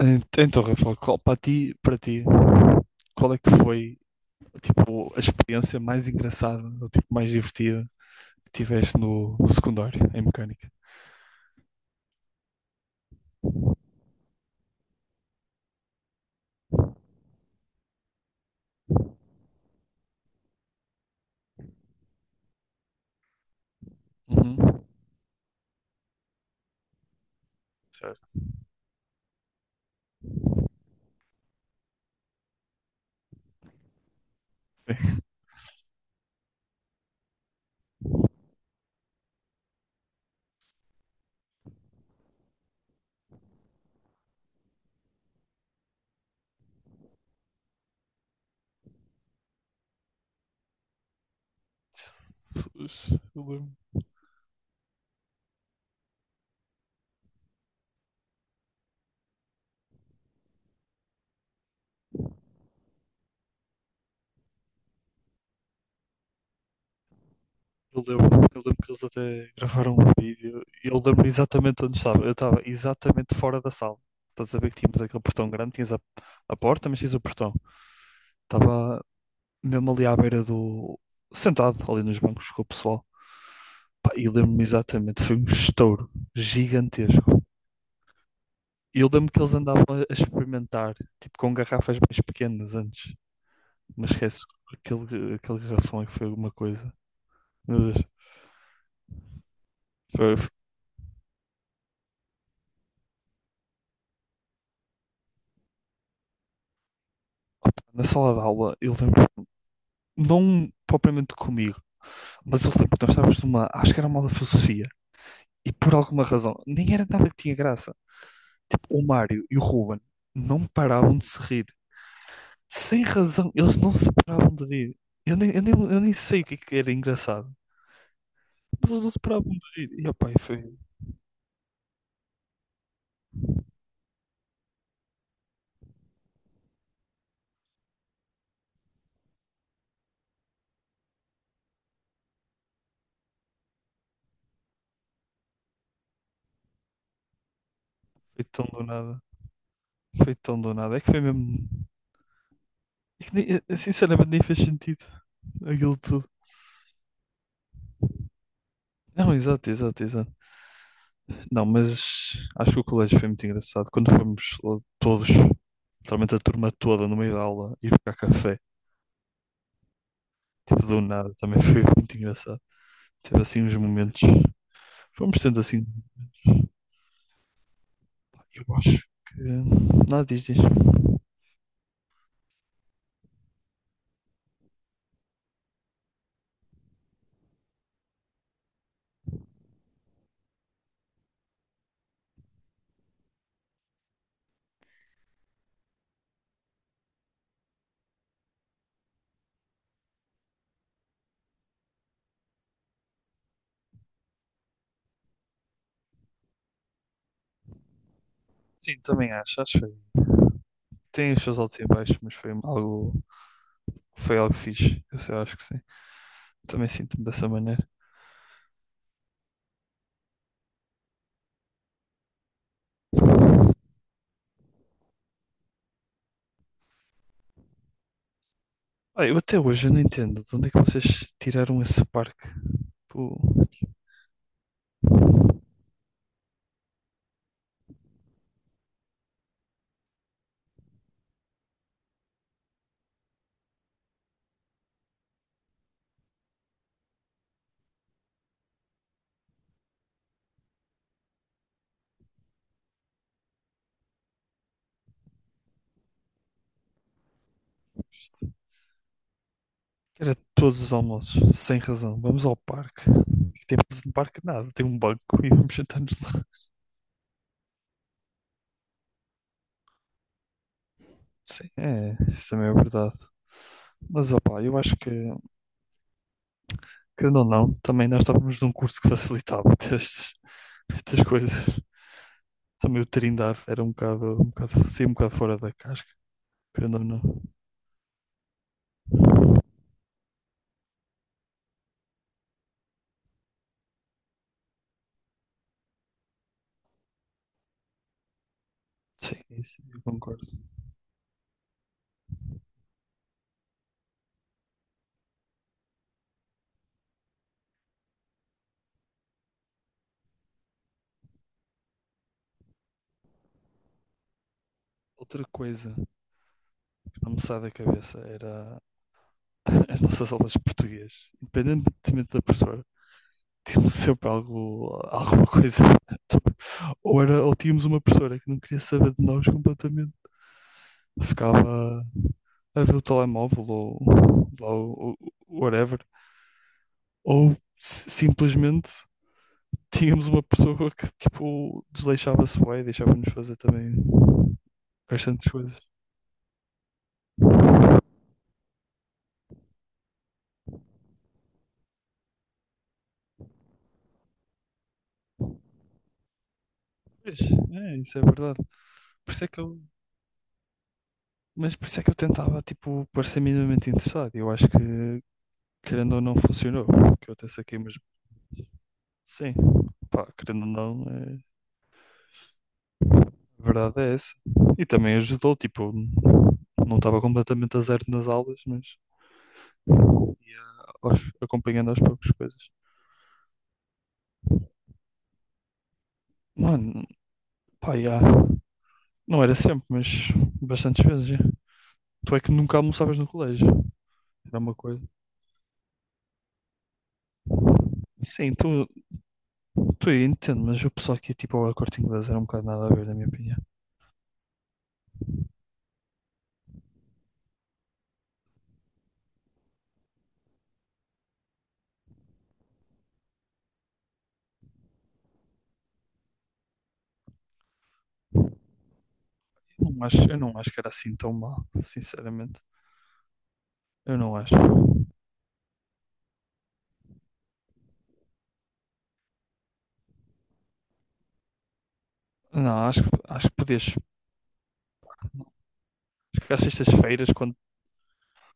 Então, Rafael, qual, para ti, qual é que foi, tipo, a experiência mais engraçada, ou tipo, mais divertida que tiveste no secundário, em mecânica? Uhum. Certo. Sim. Jesus, eu lembro. Eu lembro, eu lembro que eles até gravaram um vídeo e eu lembro exatamente onde estava. Eu estava exatamente fora da sala. Estás a ver que tínhamos aquele portão grande, tinhas a porta, mas tinhas o portão. Estava mesmo ali à beira do, sentado ali nos bancos com o pessoal. Pá, e lembro-me exatamente, foi um estouro gigantesco. E eu lembro que eles andavam a experimentar, tipo com garrafas mais pequenas antes, mas esquece aquele, aquele garrafão é que foi alguma coisa. Meu Deus. Foi, foi na sala de aula, eu lembro, não propriamente comigo, mas eu lembro que nós estávamos numa, acho que era uma aula de filosofia, e por alguma razão, nem era nada que tinha graça. Tipo, o Mário e o Ruben não paravam de se rir. Sem razão, eles não se paravam de rir. Eu nem sei o que, é que era engraçado, mas eles não se paravam de rir. E, opá, e foi, foi tão do nada. Foi tão do nada. É que foi mesmo. É que sinceramente, nem fez sentido aquilo tudo. Não, exato, exato, exato. Não, mas acho que o colégio foi muito engraçado. Quando fomos lá todos, literalmente a turma toda no meio da aula, ir buscar café, tipo do nada, também foi muito engraçado. Teve assim uns momentos. Fomos tendo assim. Eu acho que. Nada, diz, diz. Sim, também acho, acho que foi. Tem os seus altos e baixos, mas foi algo fixe. Eu sei, acho que sim. Também sinto-me dessa maneira. Ah, eu até hoje eu não entendo de onde é que vocês tiraram esse parque. Pô, isto- era todos os almoços, sem razão. Vamos ao parque. Que temos no parque? Nada, tem um banco e vamos sentar-nos lá. Sim, é, isso também é verdade. Mas opá, eu acho que, querendo ou não, também nós estávamos num curso que facilitava estas, estas coisas. Também o Trindade era um bocado, saía um bocado fora da casca, querendo ou não. Sim, isso, eu concordo. Outra coisa não me sai da cabeça, era as nossas aulas de português, independentemente da professora, tínhamos sempre algo, alguma coisa. Ou, era, ou tínhamos uma professora que não queria saber de nós completamente, ficava a ver o telemóvel ou whatever, ou simplesmente tínhamos uma pessoa que tipo desleixava-se bem e deixava-nos fazer também bastantes coisas. Pois, é, isso é verdade. Por isso é que eu Mas por isso é que eu tentava, tipo, parecer minimamente interessado. E eu acho que, querendo ou não, funcionou. Que eu até saquei, mas sim, pá, querendo ou não, é... a verdade é essa. E também ajudou, tipo, não estava completamente a zero nas aulas, mas ia acompanhando aos poucos coisas. Mano, pá, já. Não era sempre, mas bastantes vezes, já. Tu é que nunca almoçavas no colégio. Era uma coisa. Sim, tu, tu eu entendo, mas o pessoal aqui, tipo, ao Corte Inglês era um bocado nada a ver, na minha opinião. Não acho, eu não acho que era assim tão mal, sinceramente. Eu não acho. Não, acho acho que podias. Acho que às sextas-feiras, quando,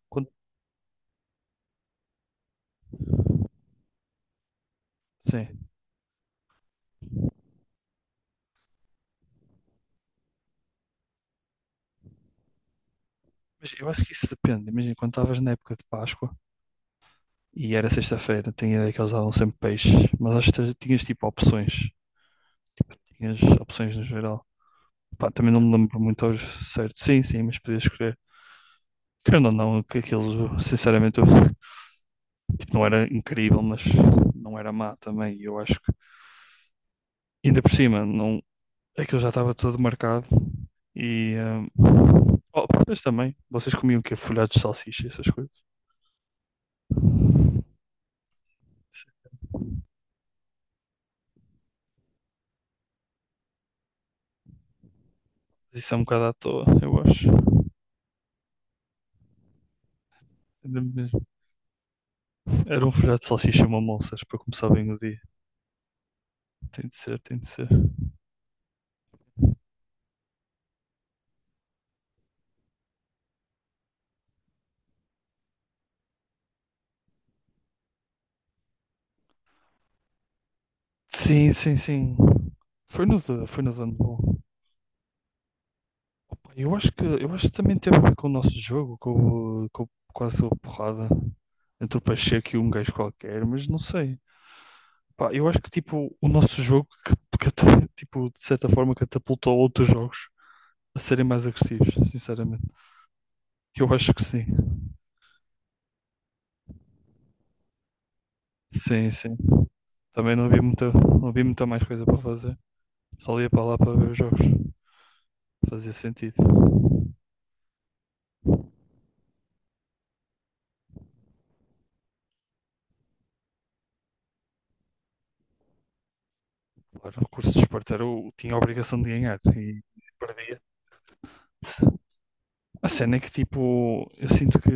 quando. Sim. Mas eu acho que isso depende. Imagina, quando estavas na época de Páscoa e era sexta-feira, tinha ideia que eles davam sempre peixe, mas acho que tinhas tipo opções. Tinhas opções no geral. Pá, também não me lembro muito ao certo. Sim, sim, mas podias escolher. Querendo ou não, que aquilo, sinceramente, tipo, não era incrível, mas não era má também. E eu acho que, ainda por cima, não, aquilo já estava todo marcado e. Hum, oh, vocês também. Vocês comiam o quê? Folhados de salsicha e essas coisas. Isso isso é um bocado à toa, eu acho. Era mesmo. Era um folhado de salsicha e uma moças para começar bem o dia. Tem de ser, tem de ser. Sim, sim, sim. Foi no, foi no Dano Bom. Eu acho que também teve a ver com o nosso jogo, com, com, com a porrada entre o Pacheco e um gajo qualquer, mas não sei. Pá, eu acho que tipo, o nosso jogo que tipo, de certa forma catapultou outros jogos a serem mais agressivos, sinceramente. Eu acho que sim. Sim, sim. Também não havia muita, não havia muita mais coisa para fazer. Só ia para lá para ver os jogos. Fazia sentido. Claro, o curso de esporte era o, tinha a obrigação de ganhar e perdia. A cena é que, tipo, eu sinto que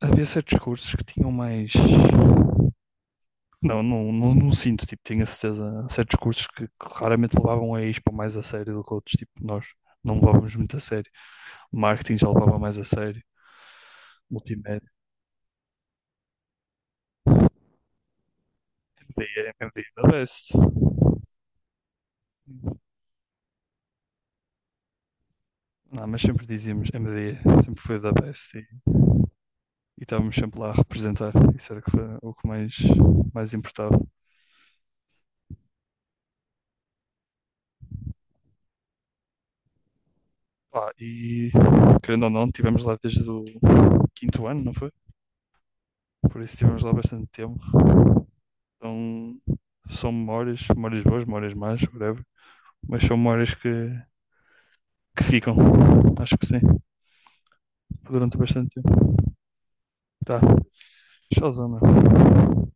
havia certos cursos que tinham mais. Não, não, não, não sinto, tipo, tinha certeza. Há certos cursos que claramente levavam a ISPA mais a sério do que outros, tipo, nós não levávamos muito a sério. Marketing já levava mais a sério. Multimédia, MDE, MDE da best. Não, mas sempre dizíamos M MDE, sempre foi da best e estávamos sempre lá a representar. Isso era que foi o que mais, mais importava. Pá, e querendo ou não, tivemos lá desde o quinto ano, não foi? Por isso tivemos lá bastante tempo. Então, são memórias, memórias boas, memórias más, whatever. Mas são memórias que ficam, acho que sim, durante bastante tempo. Tá, showzão, meu.